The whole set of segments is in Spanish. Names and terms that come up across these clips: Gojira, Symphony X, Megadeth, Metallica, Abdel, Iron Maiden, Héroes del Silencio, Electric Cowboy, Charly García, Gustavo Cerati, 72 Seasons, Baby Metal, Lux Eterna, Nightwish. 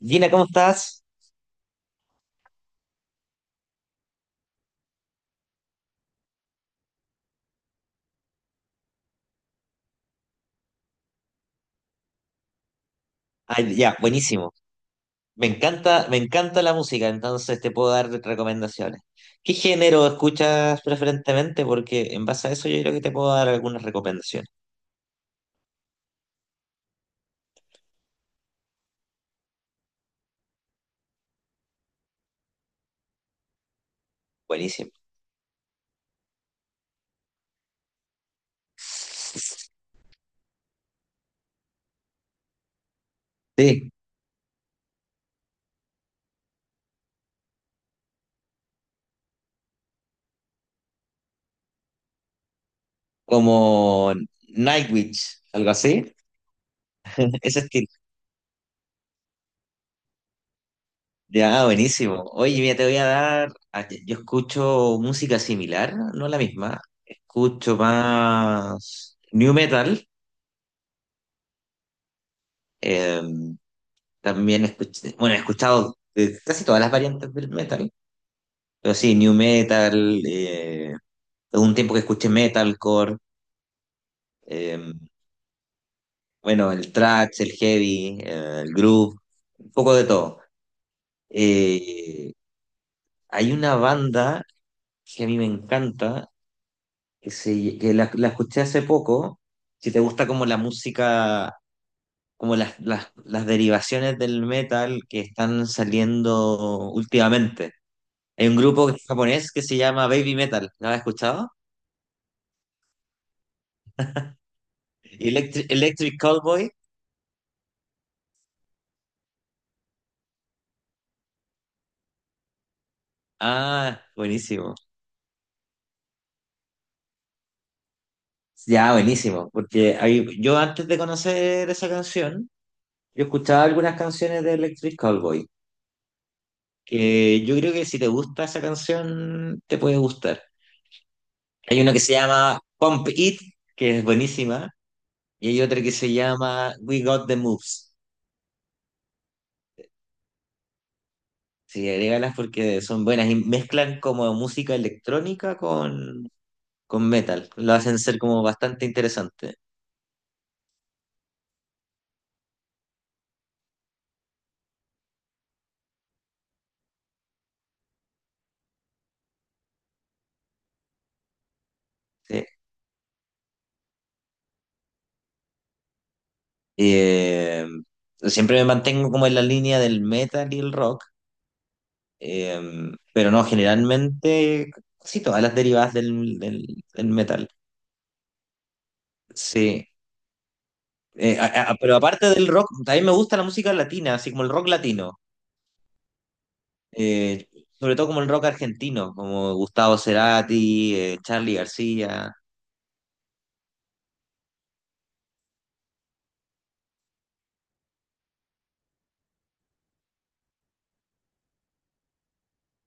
Gina, ¿cómo estás? Ay, ya, buenísimo. Me encanta la música, entonces te puedo dar recomendaciones. ¿Qué género escuchas preferentemente? Porque en base a eso yo creo que te puedo dar algunas recomendaciones. Buenísimo. Sí, como Nightwish, algo así. Ese estilo. Ya, buenísimo. Oye, mira, te voy a dar. Yo escucho música similar, no la misma. Escucho más new metal. em, También escuché, bueno, he escuchado casi todas las variantes del metal, pero sí, new metal, hubo un tiempo que escuché metalcore, eh, bueno, el thrash, el heavy, el groove, un poco de todo. Eh, Hay una banda que a mí me encanta, que la escuché hace poco, si te gusta como la música, como las derivaciones del metal que están saliendo últimamente. Hay un grupo que es japonés que se llama Baby Metal. ¿Lo has escuchado? Electric Cowboy. Ah, buenísimo. Ya, buenísimo. Porque yo antes de conocer esa canción, yo escuchaba algunas canciones de Electric Cowboy. Que yo creo que si te gusta esa canción, te puede gustar. Hay una que se llama Pump It, que es buenísima. Y hay otra que se llama We Got the Moves. Sí, agrégalas porque son buenas y mezclan como música electrónica con metal. Lo hacen ser como bastante interesante. ¿Sí? Eh, Siempre me mantengo como en la línea del metal y el rock, eh, pero no, generalmente sí, todas las derivadas del metal. Sí. Pero aparte del rock, también me gusta la música latina, así como el rock latino. Eh, sobre todo como el rock argentino, como Gustavo Cerati, Charly García.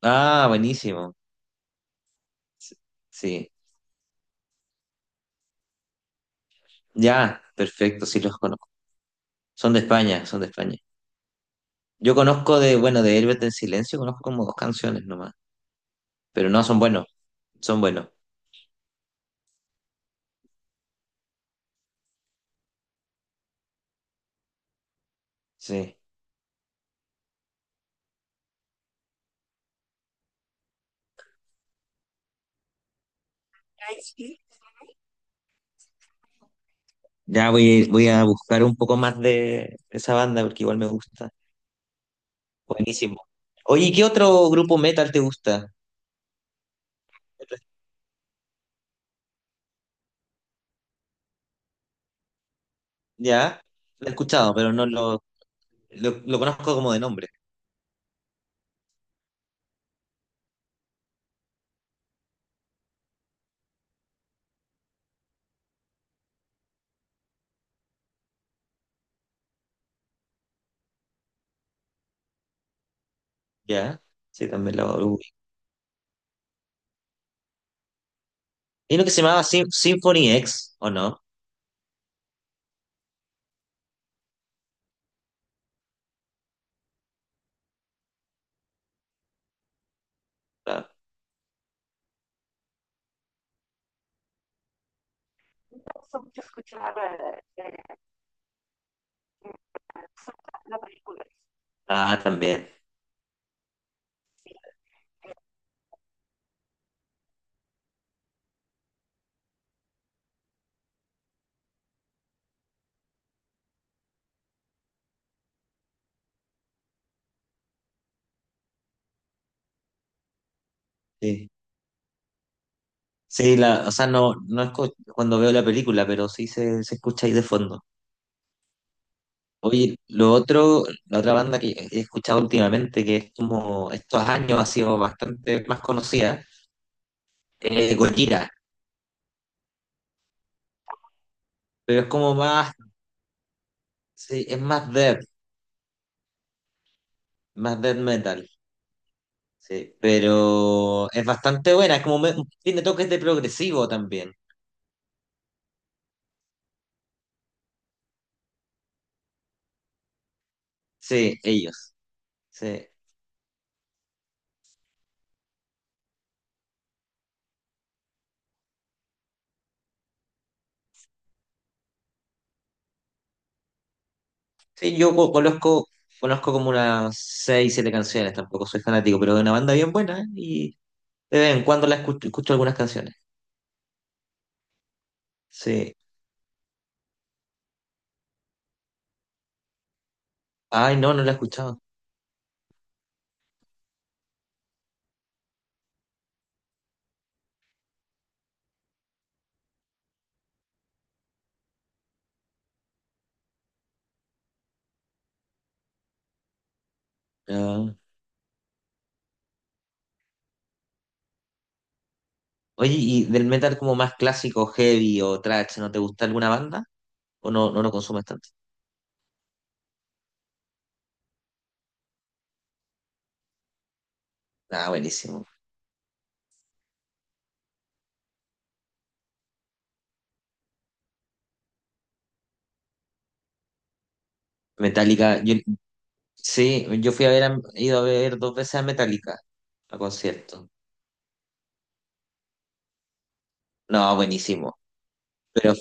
Ah, buenísimo. Sí. Ya, perfecto, sí los conozco. Son de España, son de España. Yo conozco de, bueno, de Héroes del Silencio, conozco como 2 canciones nomás, pero no, son buenos, sí. Sí. Ya voy a buscar un poco más de esa banda porque igual me gusta. Buenísimo. Oye, ¿qué otro grupo metal te gusta? Ya, lo he escuchado, pero no lo conozco como de nombre. Ya, sí, también lo ubico. Hay uno que se llamaba Symphony X, ¿o no? Ah, ah, también. Sí, sí la, o sea, no, no es cuando veo la película, pero sí se escucha ahí de fondo. Oye, lo otro, la otra banda que he escuchado últimamente, que es como estos años ha sido bastante más conocida, es Gojira, pero es como más, sí, es más death metal, sí, pero es bastante buena, es como, tiene toques de progresivo también, sí, ellos, sí. Sí, conozco, conozco como unas seis, siete canciones, tampoco soy fanático, pero es una banda bien buena y de vez en cuando la escucho, escucho algunas canciones, sí. Ay, no, no la he escuchado. Ah. Oye, ¿y del metal como más clásico, heavy o thrash, no te gusta alguna banda? ¿O no, no lo consumes tanto? Ah, buenísimo. Metallica, yo, sí, yo fui a ver, he ido a ver dos veces a Metallica a concierto. No, buenísimo. Pero,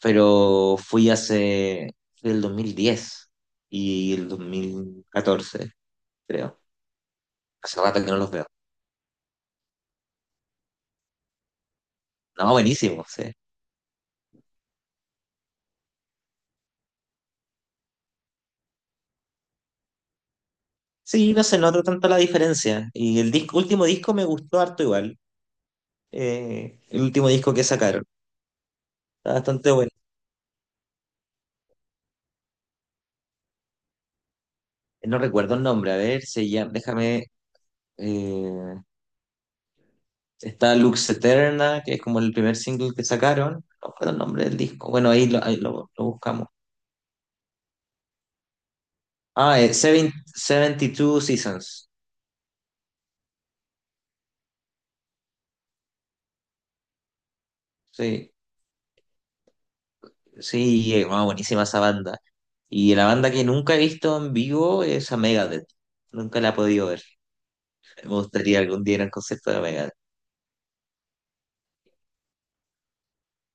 pero fui hace, fui el 2010 y el 2014, creo. Hace rato que no los veo. No, buenísimo, sí. Sí, no se nota tanto la diferencia. Y el disco, último disco me gustó harto igual. El último disco que sacaron. Está bastante bueno. No recuerdo el nombre, a ver, se llama, déjame, eh, está Lux Eterna, que es como el primer single que sacaron, no recuerdo el nombre del disco, bueno, ahí lo buscamos. Ah, 72 Seasons, sí, sí, wow, buenísima esa banda. Y la banda que nunca he visto en vivo es a Megadeth, nunca la he podido ver, me gustaría algún día ir al concierto de Megadeth.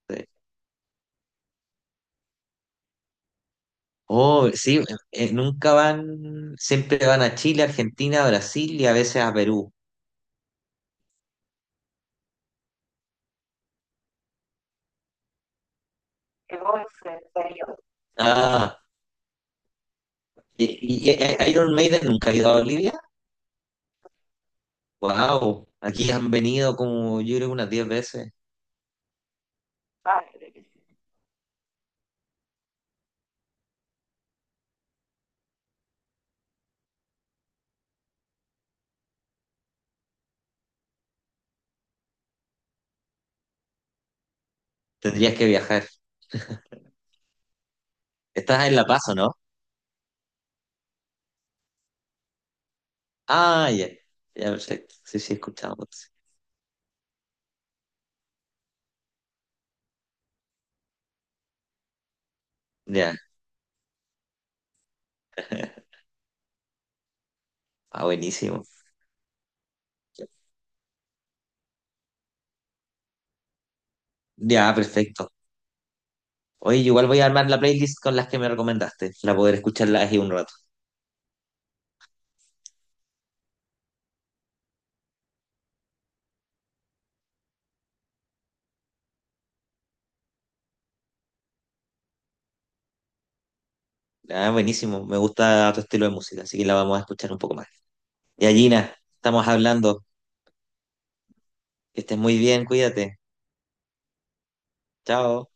Sí. Oh, sí, nunca van, siempre van a Chile, Argentina, Brasil y a veces a Perú. Ah, ¿ Iron Maiden nunca ha ido a Bolivia? Wow, aquí han venido como yo creo unas 10 veces. Tendrías que viajar. Estás en La Paz, ¿o no? Ah, ya. Ya, perfecto. Sí, sí, escuchamos. Ya, ah, buenísimo. Ya, perfecto. Oye, igual voy a armar la playlist con las que me recomendaste, para poder escucharlas aquí un rato. Ah, buenísimo. Me gusta tu estilo de música, así que la vamos a escuchar un poco más. Y Gina, estamos hablando. Que estés muy bien, cuídate. Chao.